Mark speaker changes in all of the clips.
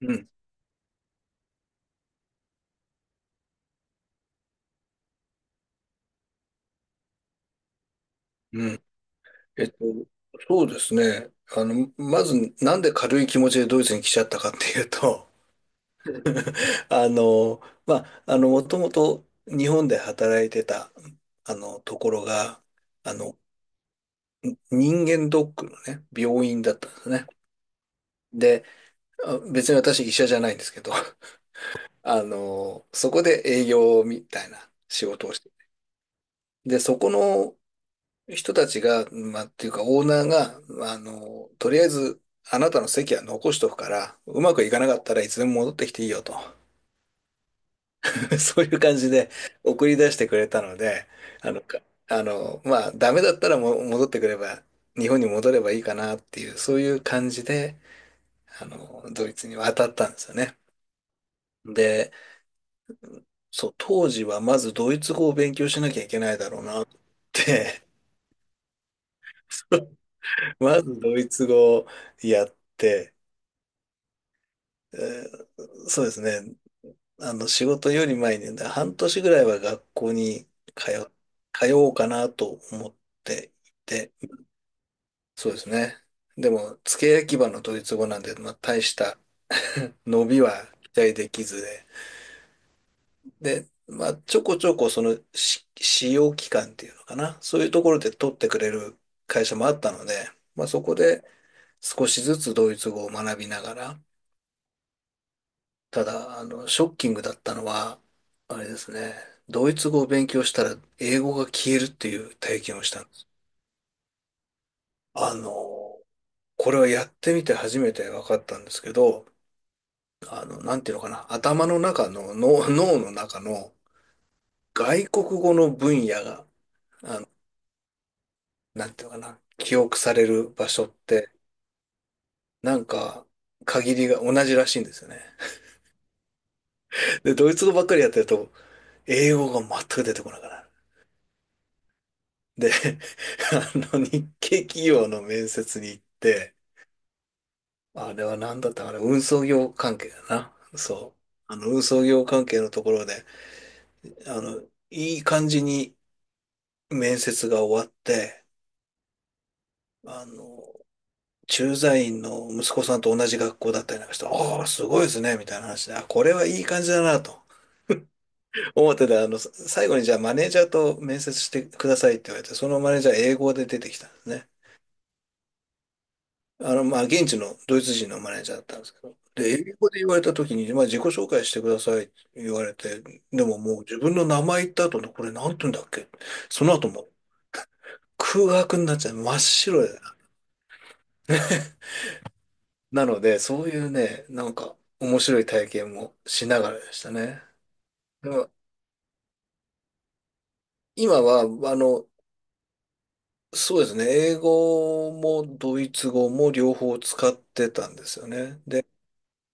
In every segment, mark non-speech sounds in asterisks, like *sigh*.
Speaker 1: うん、うん。えっと、そうですね。まず、なんで軽い気持ちでドイツに来ちゃったかっていうと、*laughs* あの、もともと日本で働いてた、ところが、あの、人間ドックのね、病院だったんですね。で、あ別に私医者じゃないんですけど、*laughs* そこで営業みたいな仕事をして、で、そこの人たちが、まあ、っていうか、オーナーが、まあ、とりあえず、あなたの席は残しとくから、うまくいかなかったらいつでも戻ってきていいよと。*laughs* そういう感じで送り出してくれたので、あの、かまあ、ダメだったらも戻ってくれば、日本に戻ればいいかなっていう、そういう感じで、ドイツに渡ったんですよね。で、そう、当時はまずドイツ語を勉強しなきゃいけないだろうなって、*laughs* まずドイツ語をやって、そうですね。仕事より前にね、半年ぐらいは学校に通、通おうかなと思っていて、そうですね。でも、付け焼き場のドイツ語なんで、まあ、大した *laughs* 伸びは期待できずで、で、まあ、ちょこちょこその使用期間っていうのかな、そういうところで取ってくれる会社もあったので、まあ、そこで少しずつドイツ語を学びながら、ただ、ショッキングだったのは、あれですね、ドイツ語を勉強したら英語が消えるっていう体験をしたんです。あの、これはやってみて初めて分かったんですけど、あの、なんていうのかな、頭の中の、脳の中の外国語の分野が、あの、なんていうのかな、記憶される場所って、なんか、限りが同じらしいんですよね。で、ドイツ語ばっかりやってると、英語が全く出てこなくなる。で、*laughs* 日系企業の面接に行って、あれは何だったかな、運送業関係だな。そう。運送業関係のところで、あの、いい感じに面接が終わって、あの、駐在員の息子さんと同じ学校だったりなんかして、ああ、すごいですね、みたいな話で、あ、これはいい感じだなと思ってた。最後にじゃあマネージャーと面接してくださいって言われて、そのマネージャー英語で出てきたんですね。まあ、現地のドイツ人のマネージャーだったんですけど、で、英語で言われた時に、まあ、自己紹介してくださいって言われて、でももう自分の名前言った後の、これなんて言うんだっけ、その後もう空白になっちゃう。真っ白で。*laughs* なので、そういうね、なんか面白い体験もしながらでしたね。でも今は、あの、そうですね、英語もドイツ語も両方使ってたんですよね。で、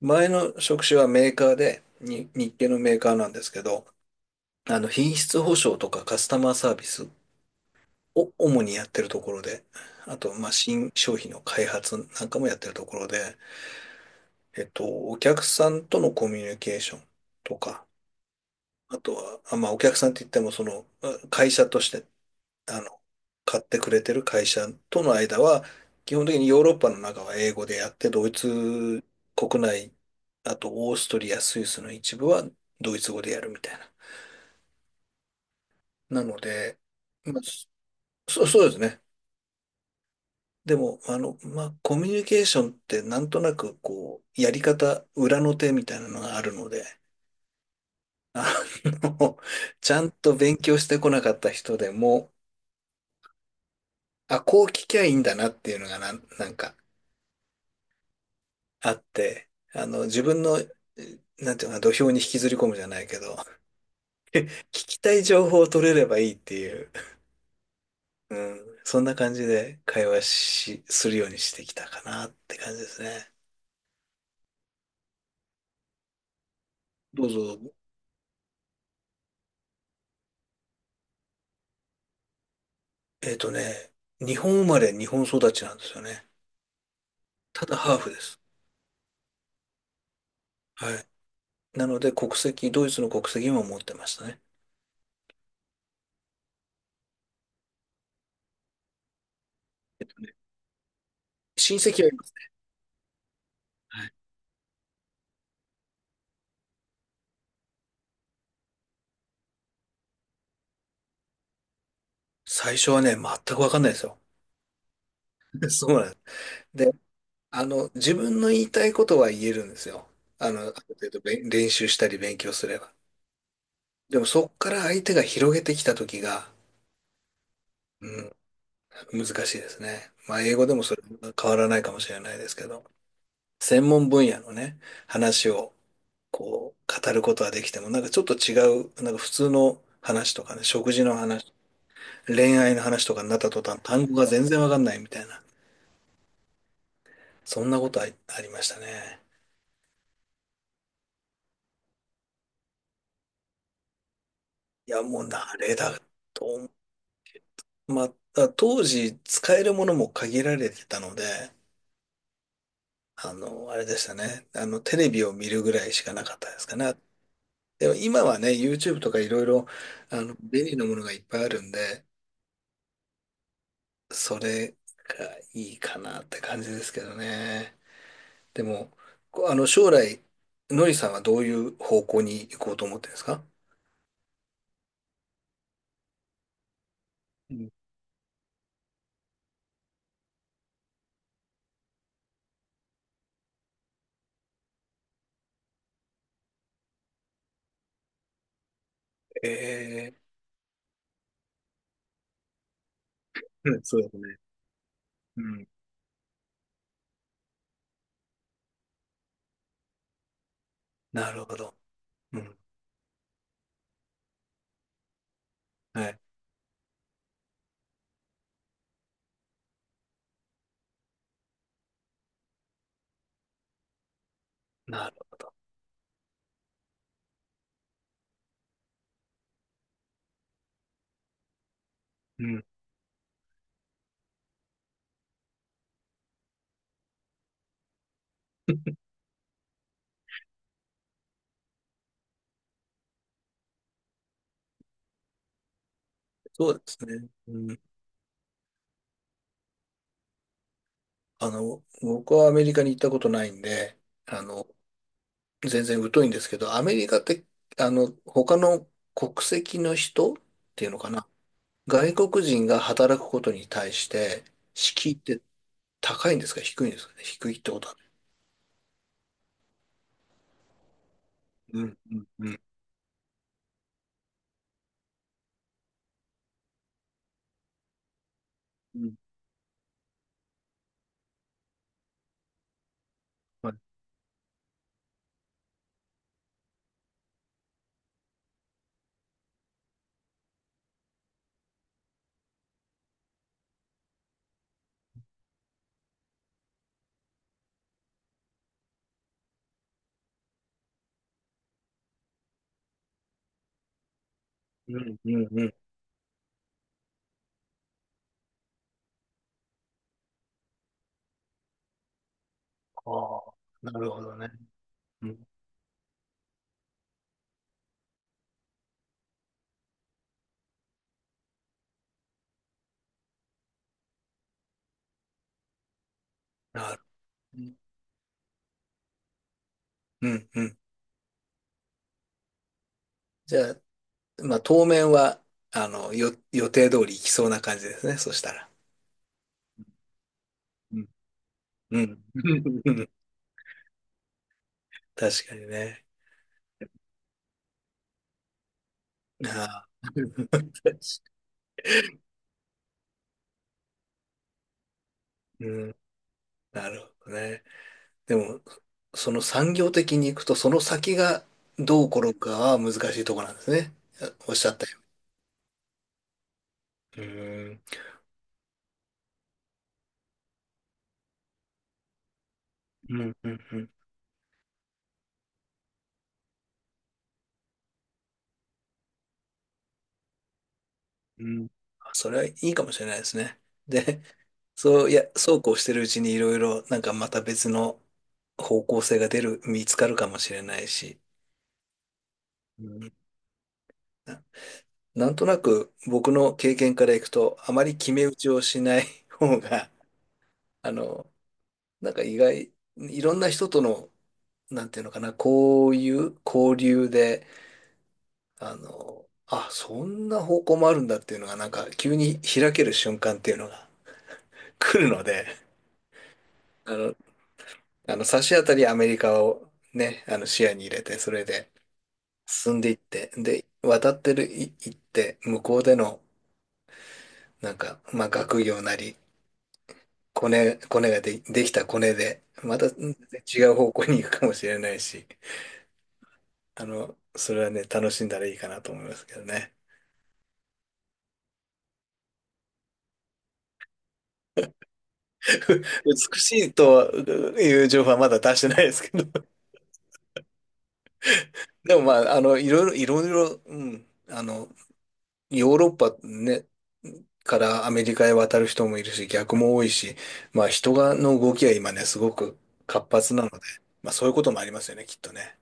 Speaker 1: 前の職種はメーカーで、に、日系のメーカーなんですけど、品質保証とかカスタマーサービスを主にやってるところで、あと、まあ、新商品の開発なんかもやってるところで、お客さんとのコミュニケーションとか、あとは、あまあ、お客さんって言っても、その、まあ会社として、あの、買ってくれてる会社との間は、基本的にヨーロッパの中は英語でやって、ドイツ国内、あとオーストリア、スイスの一部はドイツ語でやるみたいな。なので、まあ、そうですね。でも、コミュニケーションってなんとなくこう、やり方、裏の手みたいなのがあるので、あの、*laughs* ちゃんと勉強してこなかった人でも、あ、こう聞きゃいいんだなっていうのがなんかあって、自分の、なんていうのかな、土俵に引きずり込むじゃないけど、聞きたい情報を取れればいいっていう、うん、そんな感じで会話し、するようにしてきたかなって感じですね。どうぞ、えっとね、日本生まれ、日本育ちなんですよね。ただハーフです。はい。なので国籍、ドイツの国籍も持ってましたね。親戚はいます。はい。最初はね、全くわかんないですよ。*laughs* そうなんです。で、自分の言いたいことは言えるんですよ。あの、ある程度練習したり勉強すれば。でもそっから相手が広げてきた時が、うん、難しいですね。まあ英語でもそれは変わらないかもしれないですけど、専門分野のね、話をこう、語ることはできても、なんかちょっと違う、なんか普通の話とかね、食事の話、恋愛の話とかになった途端、単語が全然わかんないみたいな、そんなことあり、ありましたね。いや、もう慣れだと、まあ、当時使えるものも限られてたので、あれでしたね。あの、テレビを見るぐらいしかなかったですかね。でも今はね、YouTube とかいろいろ、便利なものがいっぱいあるんで、それがいいかなって感じですけどね。でも、あの、将来、のりさんはどういう方向に行こうと思ってるんですか？うん。ええ。うん、そうですね。うん。なるほど。うん。はい。なるほど。うん。*laughs* そうですね。うん。僕はアメリカに行ったことないんで、あの、全然疎いんですけど、アメリカって、他の国籍の人っていうのかな。外国人が働くことに対して、敷居って高いんですか、低いんですかね、低いってことはね。うん、うん、うん。うんうん、うん、うん。ああ、なるほどね。うん、なる。うん、うん。じゃあ、まあ、当面は、予定通り行きそうな感じですね。そしたら。うん。うん。*laughs* 確かにね。ああ。*laughs* うん。なるほどね。でも、その産業的に行くと、その先がどう転ぶかは難しいところなんですね。おっしゃったように、うんうんうんうんうん、あそれれはいいいかもしれなでですね、で、そう、いや、そうこうしてるうちにいろいろ、なんかまた別の方向性が出る、見つかるかもしれないし、うんななんとなく僕の経験からいくと、あまり決め打ちをしない *laughs* 方が、あの、なんか意外、いろんな人との、なんていうのかな、こういう交流で、あの、あ、そんな方向もあるんだっていうのが、なんか急に開ける瞬間っていうのが *laughs* 来るので、あの、あの差し当たりアメリカをね、あの視野に入れて、それで、進んでいって、で、渡ってる、い、行って、向こうでの、なんか、まあ、学業なり、コネがで、できたコネで、またうん違う方向に行くかもしれないし、それはね、楽しんだらいいかなと思いますけどね。*laughs* 美しいという情報はまだ出してないですけど、でもまあ、いろいろ、いろいろ、うん、ヨーロッパね、からアメリカへ渡る人もいるし、逆も多いし、まあ人がの動きは今ね、すごく活発なので、まあそういうこともありますよね、きっとね。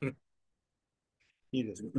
Speaker 1: うん、いいですね。